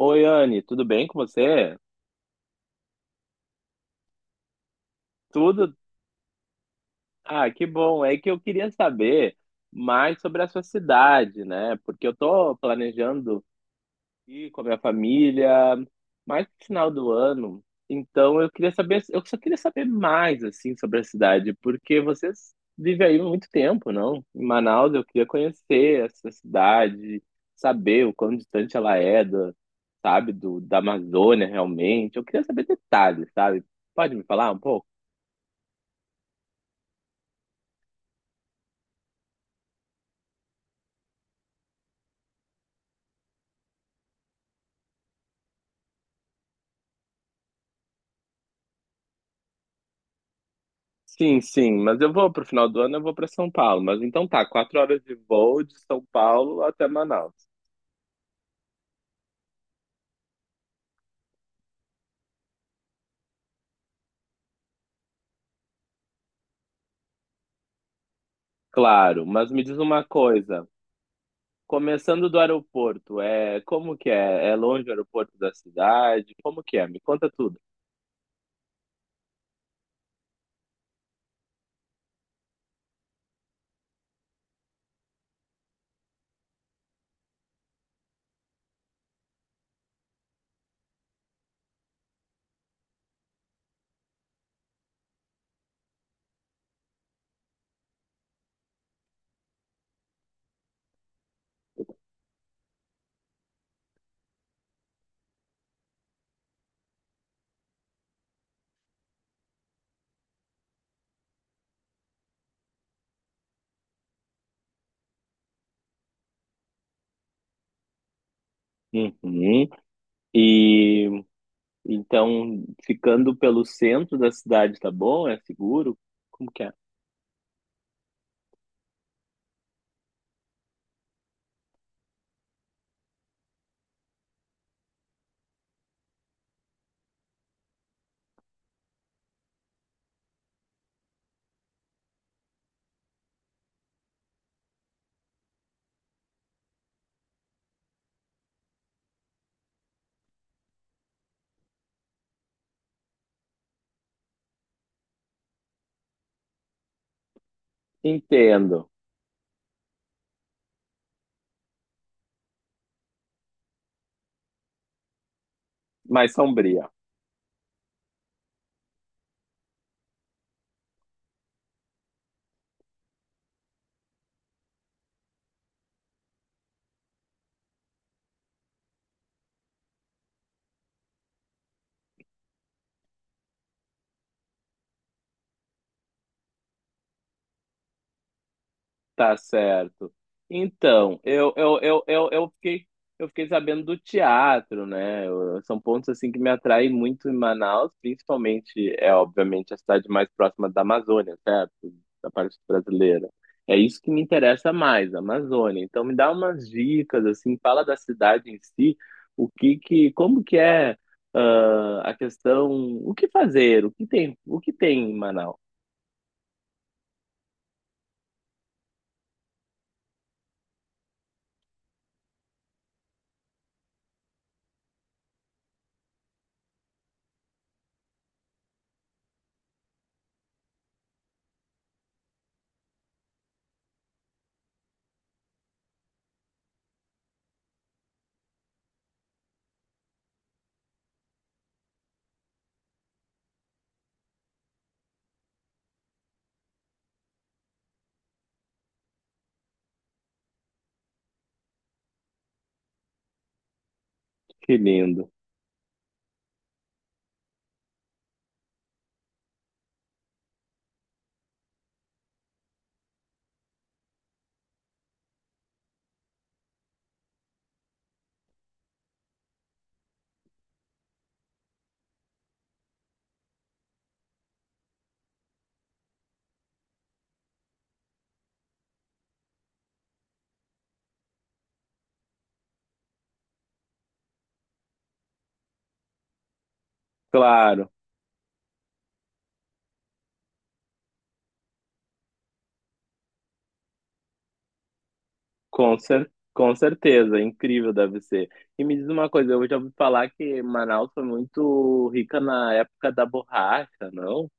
Oi, Anne, tudo bem com você? Tudo? Ah, que bom. É que eu queria saber mais sobre a sua cidade, né? Porque eu tô planejando ir com a minha família mais no final do ano. Então eu queria saber, eu só queria saber mais assim sobre a cidade, porque vocês vivem aí há muito tempo, não? Em Manaus, eu queria conhecer essa cidade, saber o quão distante ela é da, sabe, da Amazônia realmente. Eu queria saber detalhes, sabe? Pode me falar um pouco? Sim, sim, mas eu vou pro final do ano, eu vou para São Paulo. Mas então tá, quatro horas de voo de São Paulo até Manaus. Claro, mas me diz uma coisa. Começando do aeroporto, é como que é? É longe o aeroporto da cidade? Como que é? Me conta tudo. Uhum. E então, ficando pelo centro da cidade, tá bom? É seguro? Como que é? Entendo. Mais sombria. Tá certo. Então, eu eu fiquei sabendo do teatro, né? Eu- são pontos assim que me atraem muito em Manaus, principalmente, é obviamente a cidade mais próxima da Amazônia, certo? Da parte brasileira. É isso que me interessa mais, a Amazônia. Então, me dá umas dicas assim, fala da cidade em si, o que que, como que é a questão, o que fazer, o que tem em Manaus? Que lindo. Claro. Com cer com certeza, incrível deve ser. E me diz uma coisa, eu já ouvi falar que Manaus foi muito rica na época da borracha, não?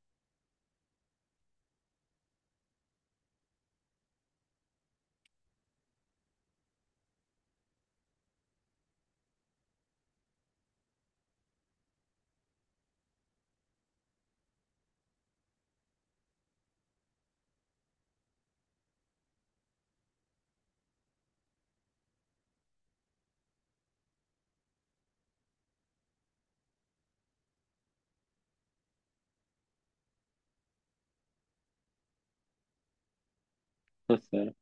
Tá certo.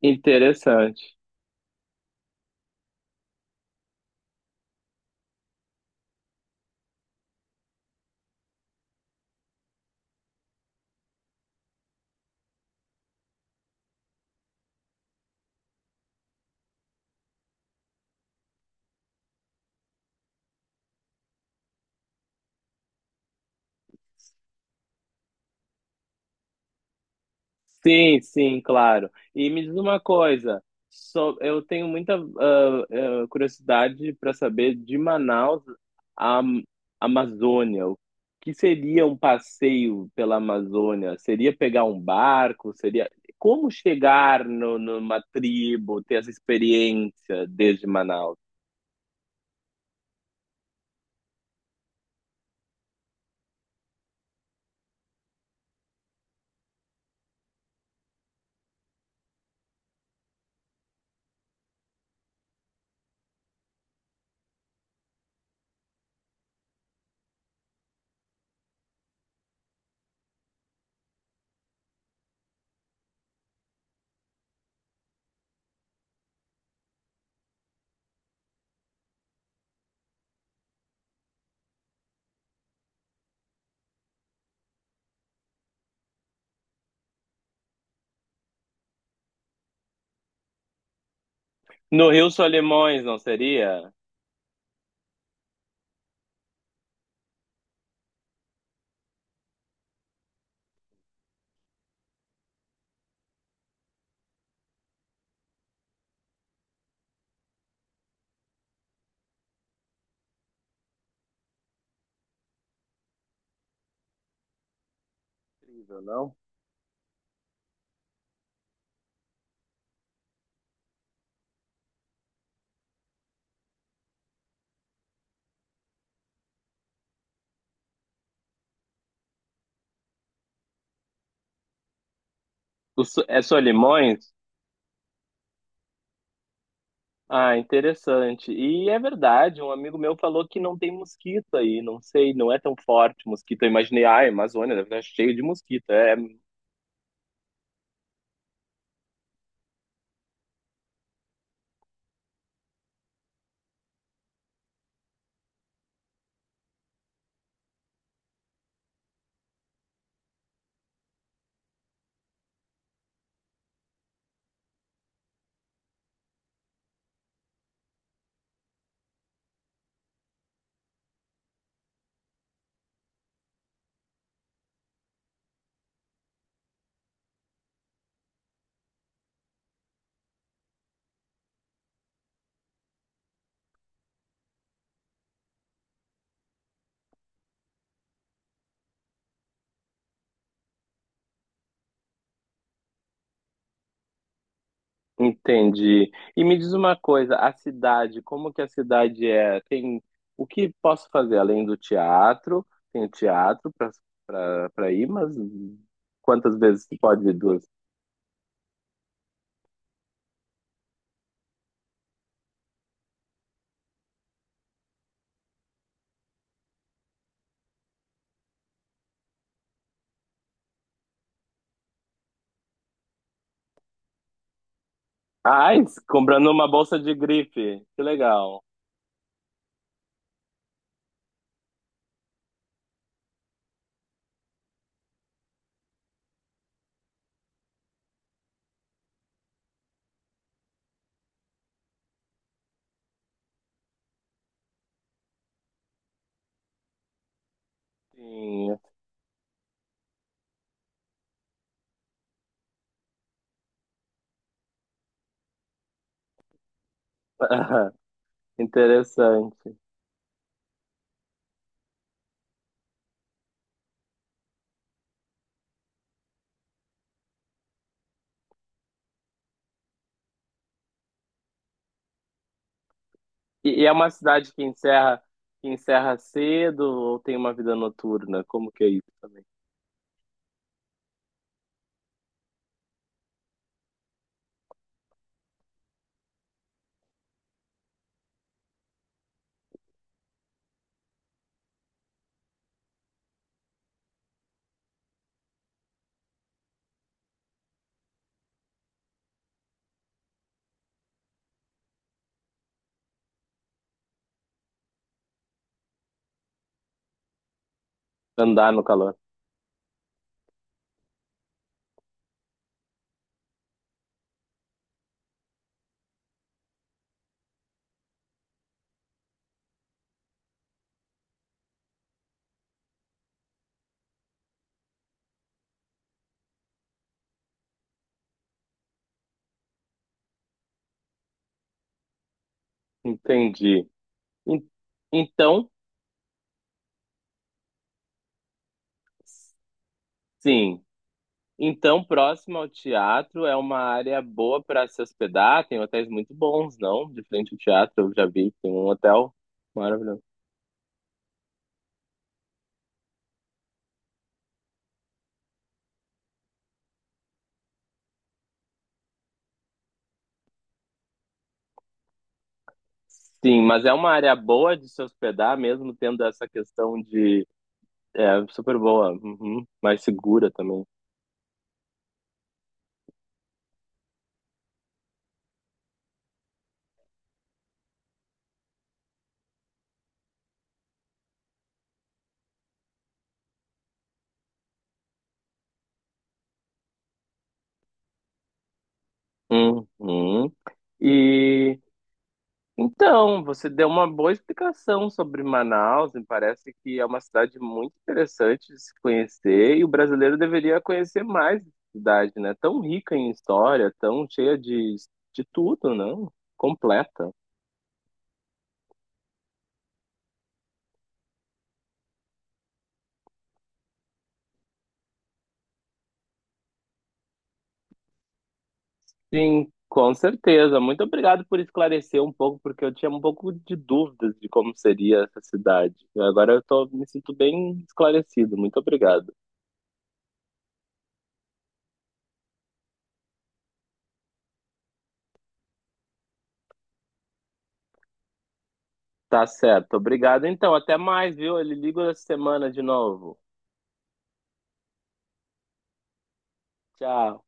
Interessante. Sim, sim, claro. E me diz uma coisa, só eu tenho muita curiosidade para saber de Manaus à Amazônia. O que seria um passeio pela Amazônia? Seria pegar um barco? Seria como chegar no, numa tribo, ter essa experiência desde Manaus? No Rio Solimões, não seria? Incrível, não? É Solimões? Ah, interessante. E é verdade, um amigo meu falou que não tem mosquito aí, não sei, não é tão forte mosquito. Eu imaginei, ah, a Amazônia deve estar cheio de mosquito. É, entendi. E me diz uma coisa, a cidade, como que a cidade é? Tem o que posso fazer além do teatro? Tem teatro para para ir, mas quantas vezes tu pode ir duas? Ai, comprando uma bolsa de grife. Que legal. Sim. Interessante. E, é uma cidade que que encerra cedo ou tem uma vida noturna? Como que é isso também? Andar no calor. Entendi. En- Então, sim. Então, próximo ao teatro é uma área boa para se hospedar. Tem hotéis muito bons, não? De frente ao teatro, eu já vi, que tem um hotel maravilhoso. Sim, mas é uma área boa de se hospedar, mesmo tendo essa questão de. É, super boa, uhum, mais segura também. Uhum. E Então, você deu uma boa explicação sobre Manaus, me parece que é uma cidade muito interessante de se conhecer e o brasileiro deveria conhecer mais essa cidade, né? Tão rica em história, tão cheia de tudo, não? Completa. Sim, com certeza. Muito obrigado por esclarecer um pouco, porque eu tinha um pouco de dúvidas de como seria essa cidade. Agora eu tô, me sinto bem esclarecido. Muito obrigado. Tá certo. Obrigado então. Até mais, viu? Ele liga essa semana de novo. Tchau.